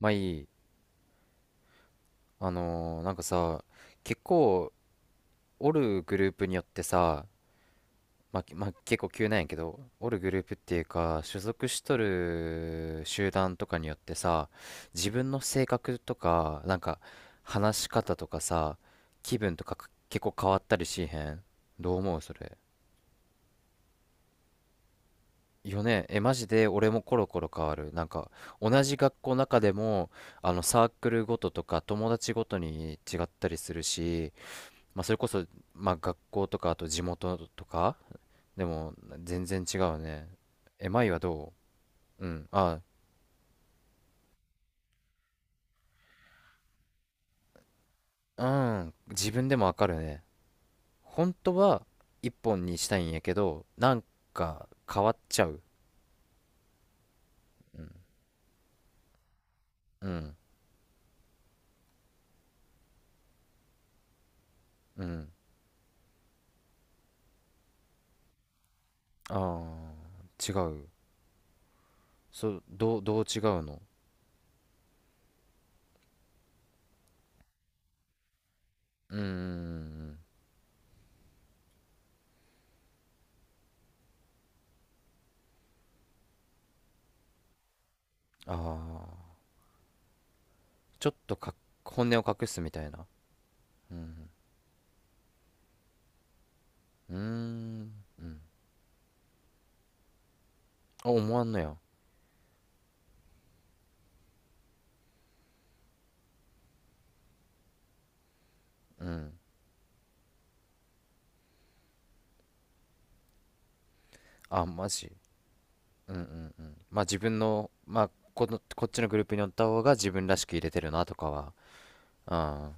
まあいい。なんかさ、結構、おるグループによってさ、まあ、結構急なんやけど、おるグループっていうか、所属しとる集団とかによってさ、自分の性格とか、なんか、話し方とかさ、気分とかか結構変わったりしへん。どう思うそれ。よね。え、マジで俺もコロコロ変わる。なんか、同じ学校の中でも、あの、サークルごととか、友達ごとに違ったりするし、まあ、それこそ、まあ、学校とかあと地元とかでも全然違うね。え、舞はどううん。あ、うん。自分でもわかるね。本当は一本にしたいんやけど、なんか変わっちゃう。うん。うん。ああ、違う。そう、どう違うのうーん。ああ、ちょっとか、本音を隠すみたいな。うん。うーん。うん。あ、思わんのや。うん。あ、マジ。うんうんうんまあ自分の、まあ、こっちのグループにおった方が自分らしく入れてるなとかは、あ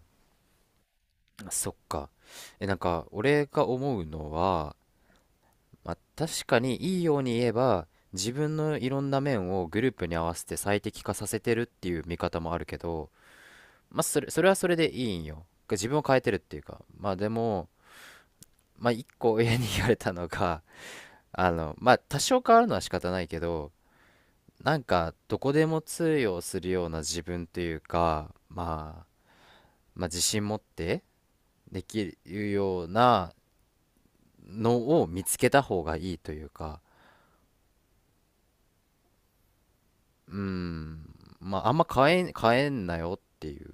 あそっか。え、なんか、俺が思うのは、まあ、確かにいいように言えば、自分のいろんな面をグループに合わせて最適化させてるっていう見方もあるけど、まあ、それはそれでいいんよ。自分を変えてるっていうか。まあ、でも、まあ、一個親に言われたのが、あの、まあ、多少変わるのは仕方ないけど、なんかどこでも通用するような自分というか、まあ、まあ自信持ってできるようなのを見つけた方がいいというか、うーん、変えんなよっていう。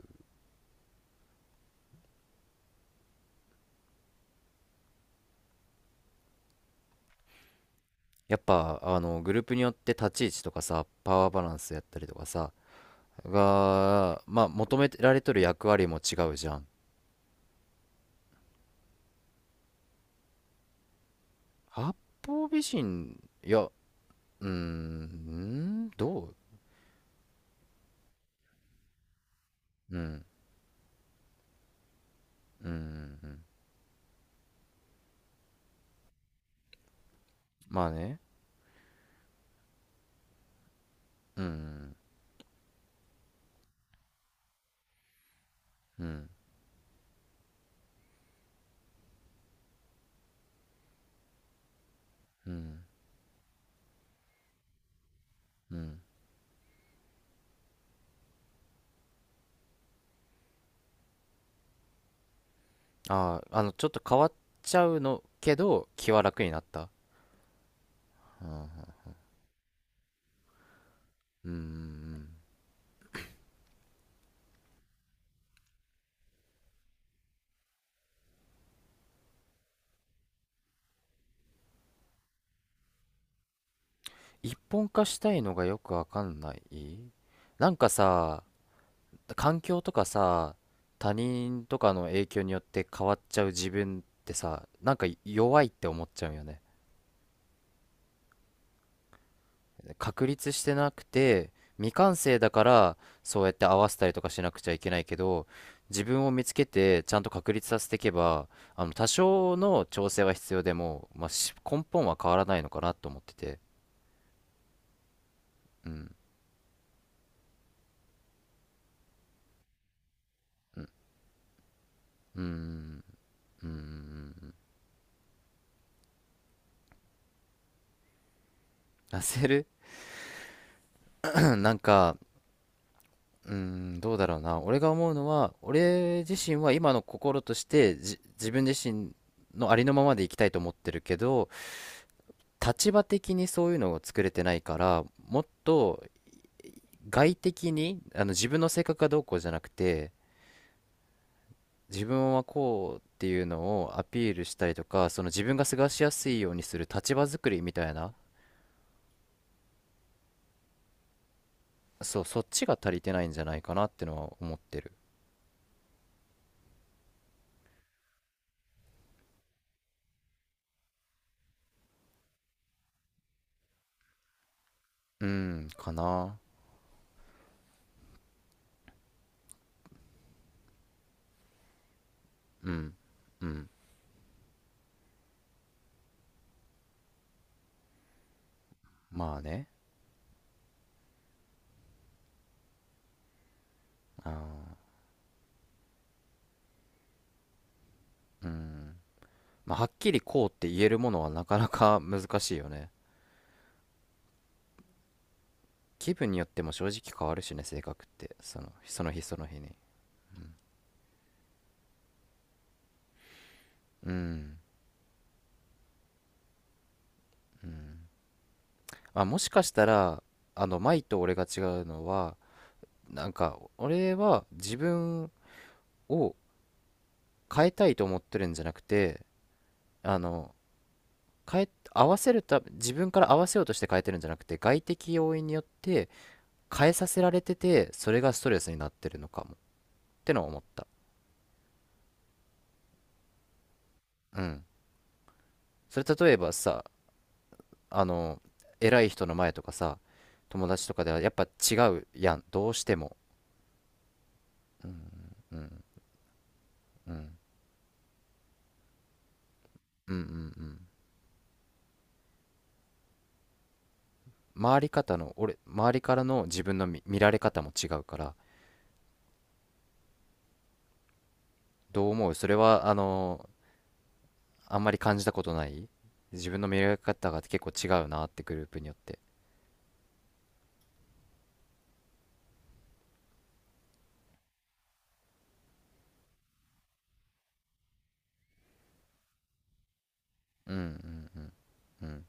やっぱあのグループによって立ち位置とかさ、パワーバランスやったりとかさ、が、まあ求められとる役割も違うじゃん。八方美人、いや、うーん、どううん、うん、うん。まあね。うん、うん、うん、うん。ああ、あの、ちょっと変わっちゃうのけど、気は楽になった。うん、うん。一本化したいのがよくわかんない。なんかさ、環境とかさ、他人とかの影響によって変わっちゃう自分ってさ、なんか弱いって思っちゃうよね。確立してなくて未完成だからそうやって合わせたりとかしなくちゃいけないけど自分を見つけてちゃんと確立させていけばあの多少の調整は必要でも、まあ、し根本は変わらないのかなと思っててうんうーんうーん焦る なんかうーんどうだろうな俺が思うのは俺自身は今の心としてじ自分自身のありのままでいきたいと思ってるけど立場的にそういうのを作れてないから、もっと外的に、あの自分の性格がどうこうじゃなくて、自分はこうっていうのをアピールしたりとか、その自分が過ごしやすいようにする立場作りみたいな、そう、そっちが足りてないんじゃないかなってのは思ってる。うん、かな。うん、うん。まあね。あー、うん。まあ、はっきりこうって言えるものはなかなか難しいよね。気分によっても正直変わるしね、性格って。その、その日その日に。うん。まあ、もしかしたら、あの、舞と俺が違うのは、なんか、俺は自分を変えたいと思ってるんじゃなくて、あの、変え、合わせるた、自分から合わせようとして変えてるんじゃなくて、外的要因によって変えさせられてて、それがストレスになってるのかも。ってのは思った。うん。それ例えばさ、あの、偉い人の前とかさ、友達とかではやっぱ違うやん。どうしても。うん。うん。うんうんうん。回り方の俺周りからの自分の見られ方も違うからどう思うそれはあのあんまり感じたことない自分の見られ方が結構違うなってグループによってうんうんうんうん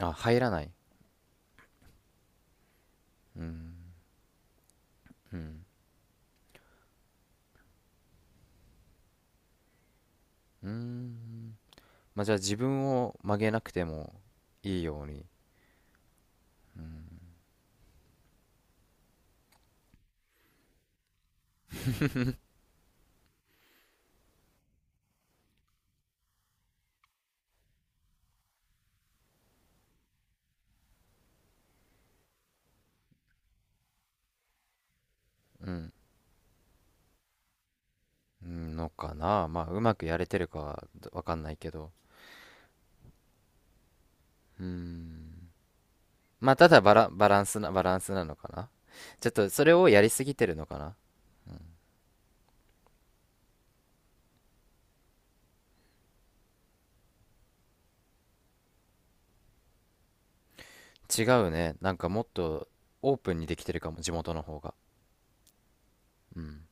あ入らないうんうんうんまあじゃあ自分を曲げなくてもいいようにうんうんのかなまあうまくやれてるかはわかんないけどうんまあただバランスなのかなちょっとそれをやりすぎてるのかな違うね。なんかもっとオープンにできてるかも、地元の方が。うん。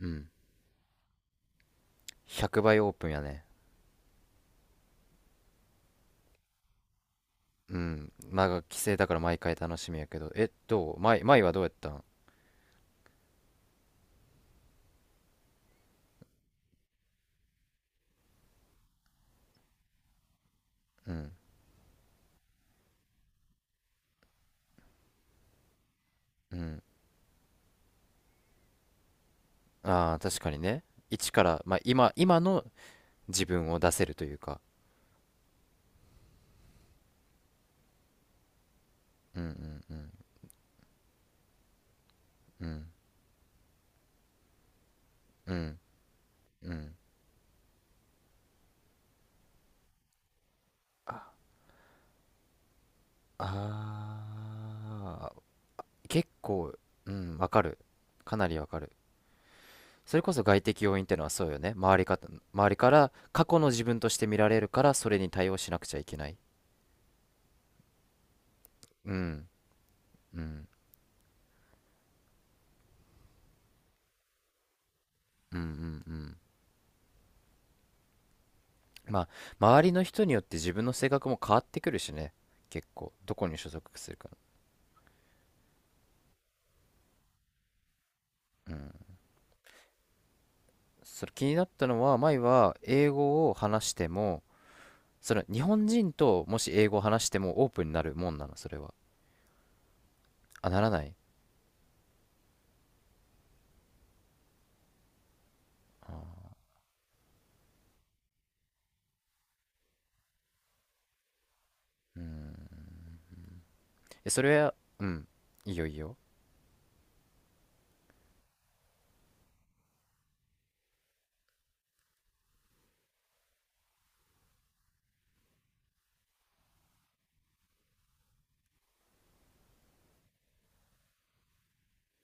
うん。100倍オープンやね。うん。まあ、帰省だから毎回楽しみやけど。え、どう前はどうやったんうん。うん。ああ、確かにね。一から、まあ、今の自分を出せるというか。うんうんうん。うん。うん。うん。ああ、結構、うん、わかる。かなりわかる。それこそ外的要因ってのはそうよね。周りから過去の自分として見られるから、それに対応しなくちゃいけない。うん、うん、うん、うん、うん。まあ、周りの人によって自分の性格も変わってくるしね。結構、どこに所属するか。うん。それ気になったのは、前は英語を話しても、その日本人ともし英語を話してもオープンになるもんなの、それは。あ、ならない。うん。えそれは、うん。いいよいいよ。